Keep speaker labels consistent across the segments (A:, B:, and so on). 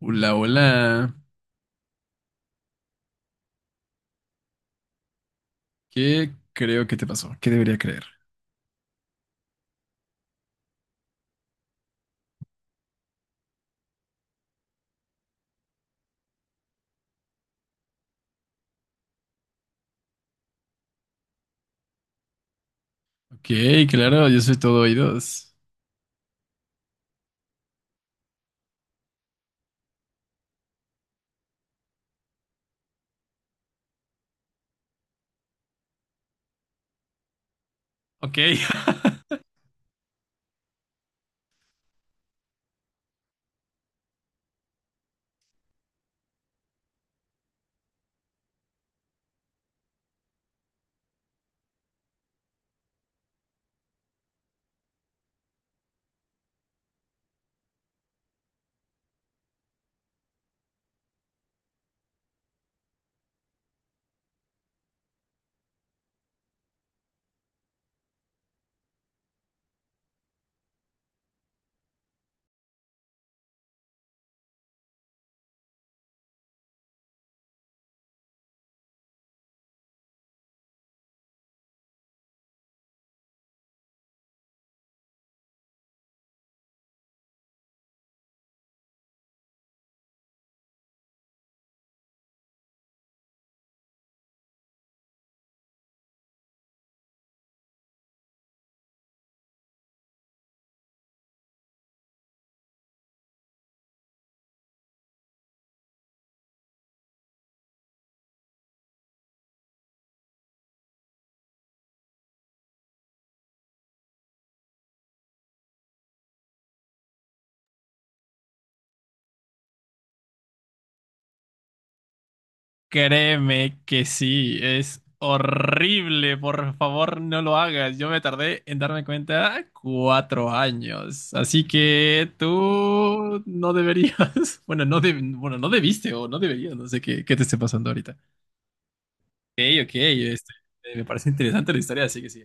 A: Hola, hola. ¿Qué creo que te pasó? ¿Qué debería creer? Ok, claro, yo soy todo oídos. Ok, créeme que sí, es horrible. Por favor, no lo hagas. Yo me tardé en darme cuenta 4 años. Así que tú no deberías. Bueno, no, bueno, no debiste o no deberías. No sé qué te esté pasando ahorita. Ok, ok, este, Me parece interesante la historia, así que sí.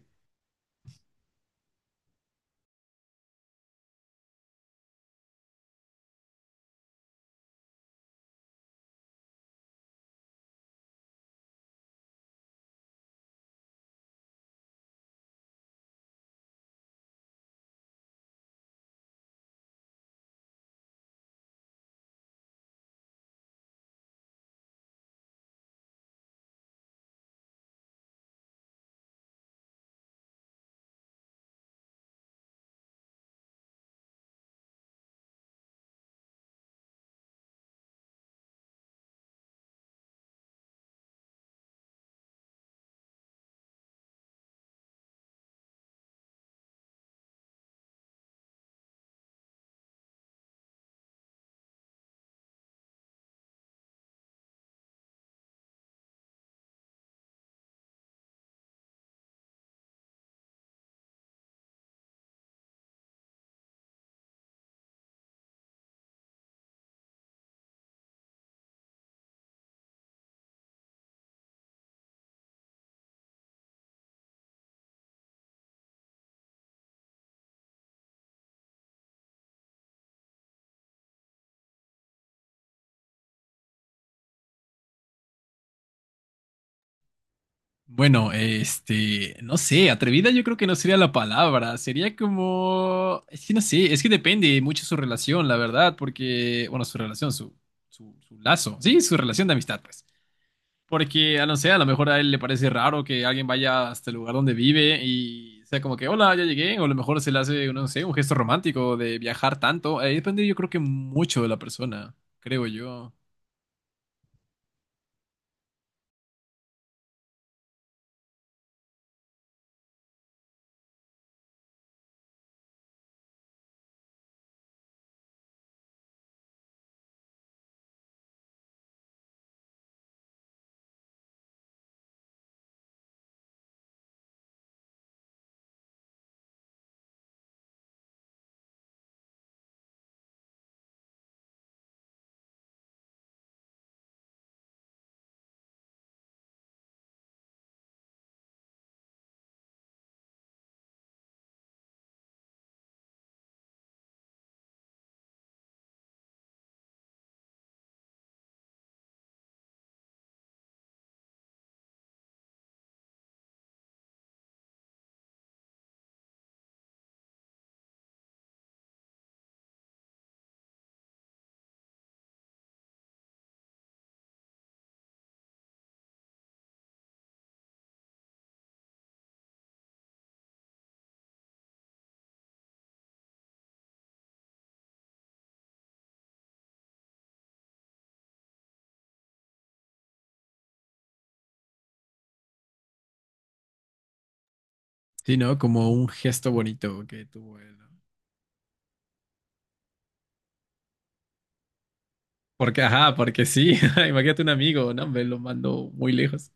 A: Bueno, no sé, atrevida yo creo que no sería la palabra, sería como, es que no sé, es que depende mucho su relación, la verdad, porque, bueno, su relación, su lazo, sí, su relación de amistad, pues, porque, a no sé, a lo mejor a él le parece raro que alguien vaya hasta el lugar donde vive y sea como que, hola, ya llegué, o a lo mejor se le hace, no sé, un gesto romántico de viajar tanto, ahí depende yo creo que mucho de la persona, creo yo. Sí, ¿no? Como un gesto bonito que tuvo él. Porque, ajá, porque sí. Imagínate un amigo, no, hombre, lo mando muy lejos.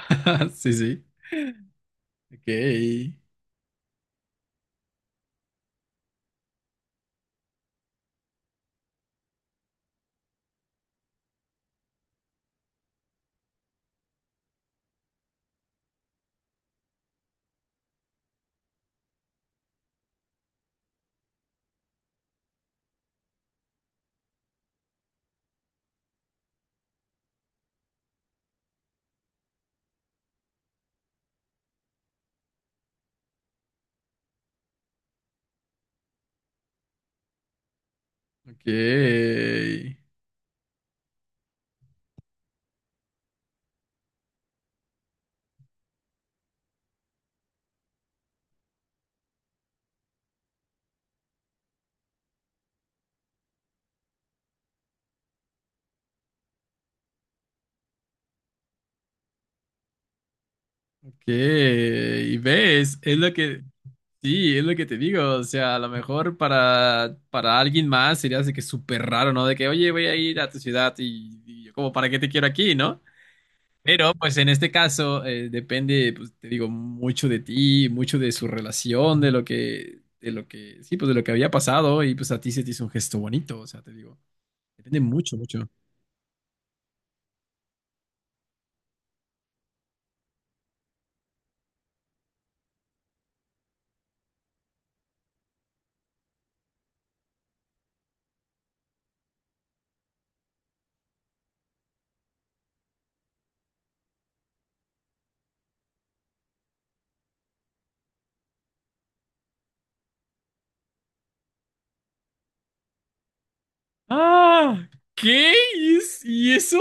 A: Sí, sí. Ok, ok, ok. Y ves, es lo que, sí, es lo que te digo. O sea, a lo mejor para alguien más sería así que súper raro, ¿no? De que, oye, voy a ir a tu ciudad y yo como, ¿para qué te quiero aquí, no? Pero pues en este caso depende, pues te digo, mucho de ti, mucho de su relación, de lo que, sí, pues de lo que había pasado y pues a ti se te hizo un gesto bonito, o sea, te digo, depende mucho, mucho. Ah, ¿qué? ¿Y, y eso?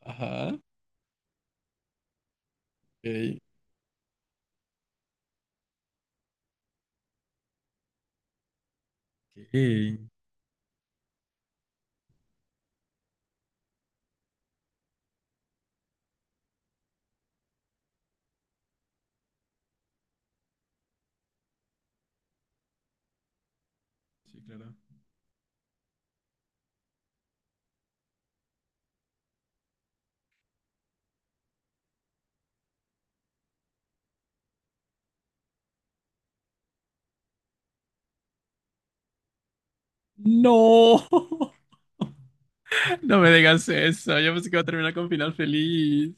A: Ajá, ok. Ok. Sí, claro. No, no me digas eso, yo pensé que iba a terminar con final feliz.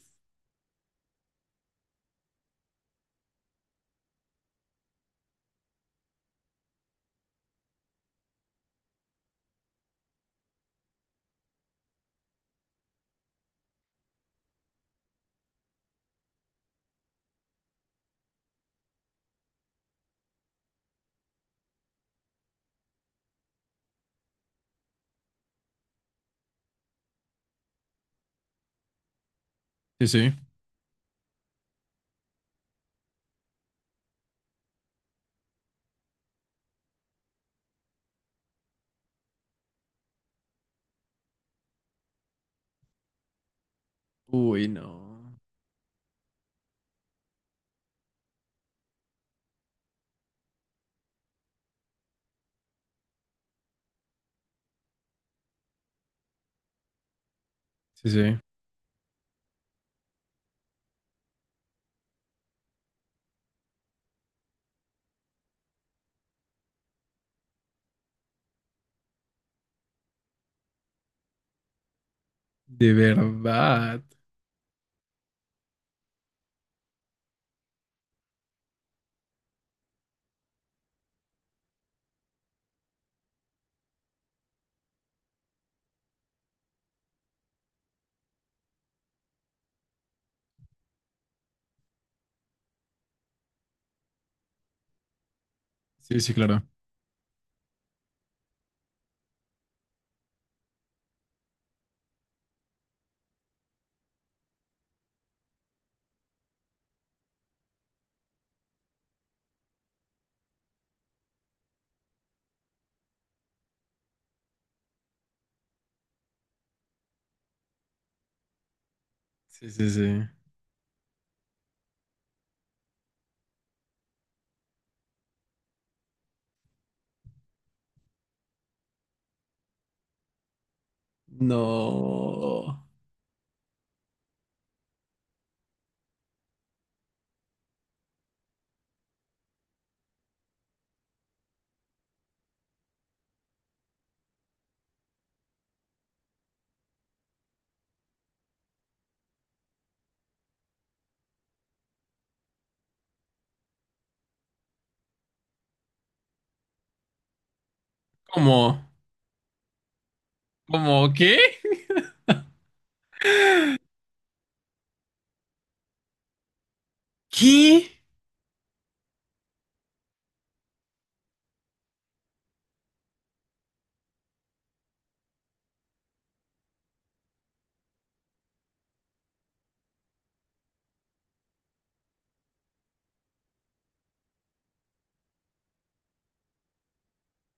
A: Sí, sí. Uy, no. Sí, sí. De verdad. Sí, sí, claro. Sí, sí, sí. No. ¿Cómo? ¿Cómo qué? ¿Qué?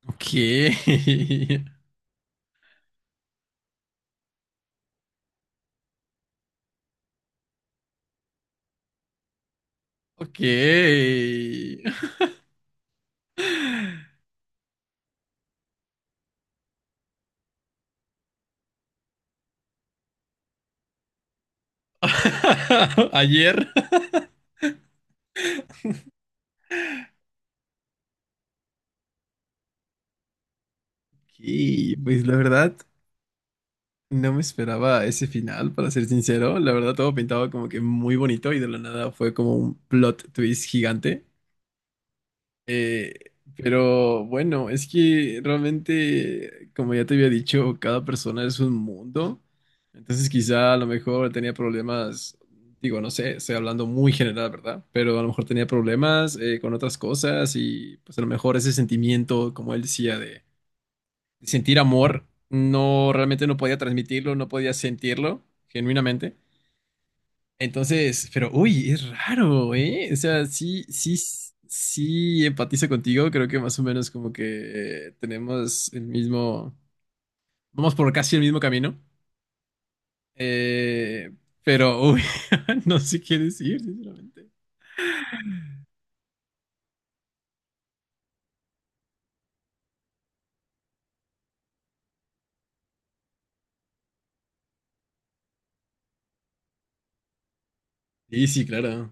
A: Ok. Ok. Ayer. Y pues la verdad, no me esperaba ese final, para ser sincero. La verdad, todo pintaba como que muy bonito y de la nada fue como un plot twist gigante. Eh, pero bueno, es que realmente, como ya te había dicho, cada persona es un mundo. Entonces quizá a lo mejor tenía problemas, digo, no sé, estoy hablando muy general, ¿verdad? Pero a lo mejor tenía problemas con otras cosas y pues a lo mejor ese sentimiento, como él decía, de sentir amor, no realmente no podía transmitirlo, no podía sentirlo genuinamente. Entonces, pero uy, es raro, ¿eh? O sea, sí, sí, sí empatizo contigo. Creo que más o menos como que tenemos el mismo, vamos por casi el mismo camino. Eh, pero, uy, no sé qué decir, sinceramente. Sí, sí, claro.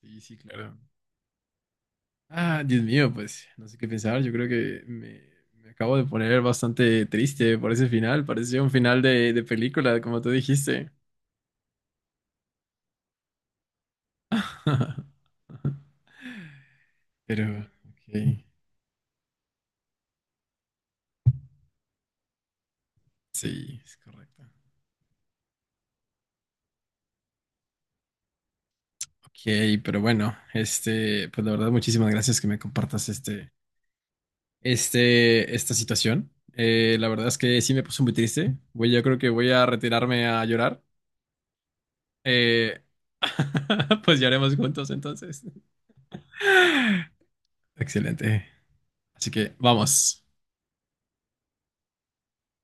A: Sí, sí, claro. Ah, Dios mío, pues no sé qué pensar. Yo creo que me acabo de poner bastante triste por ese final. Parecía un final de película, como tú dijiste. Pero, ok. Sí, es correcto. Ok, pero bueno, pues la verdad, muchísimas gracias que me compartas esta situación. La verdad es que sí me puso muy triste. Voy, yo creo que voy a retirarme a llorar. Eh, pues lloremos juntos entonces. Excelente. Así que vamos.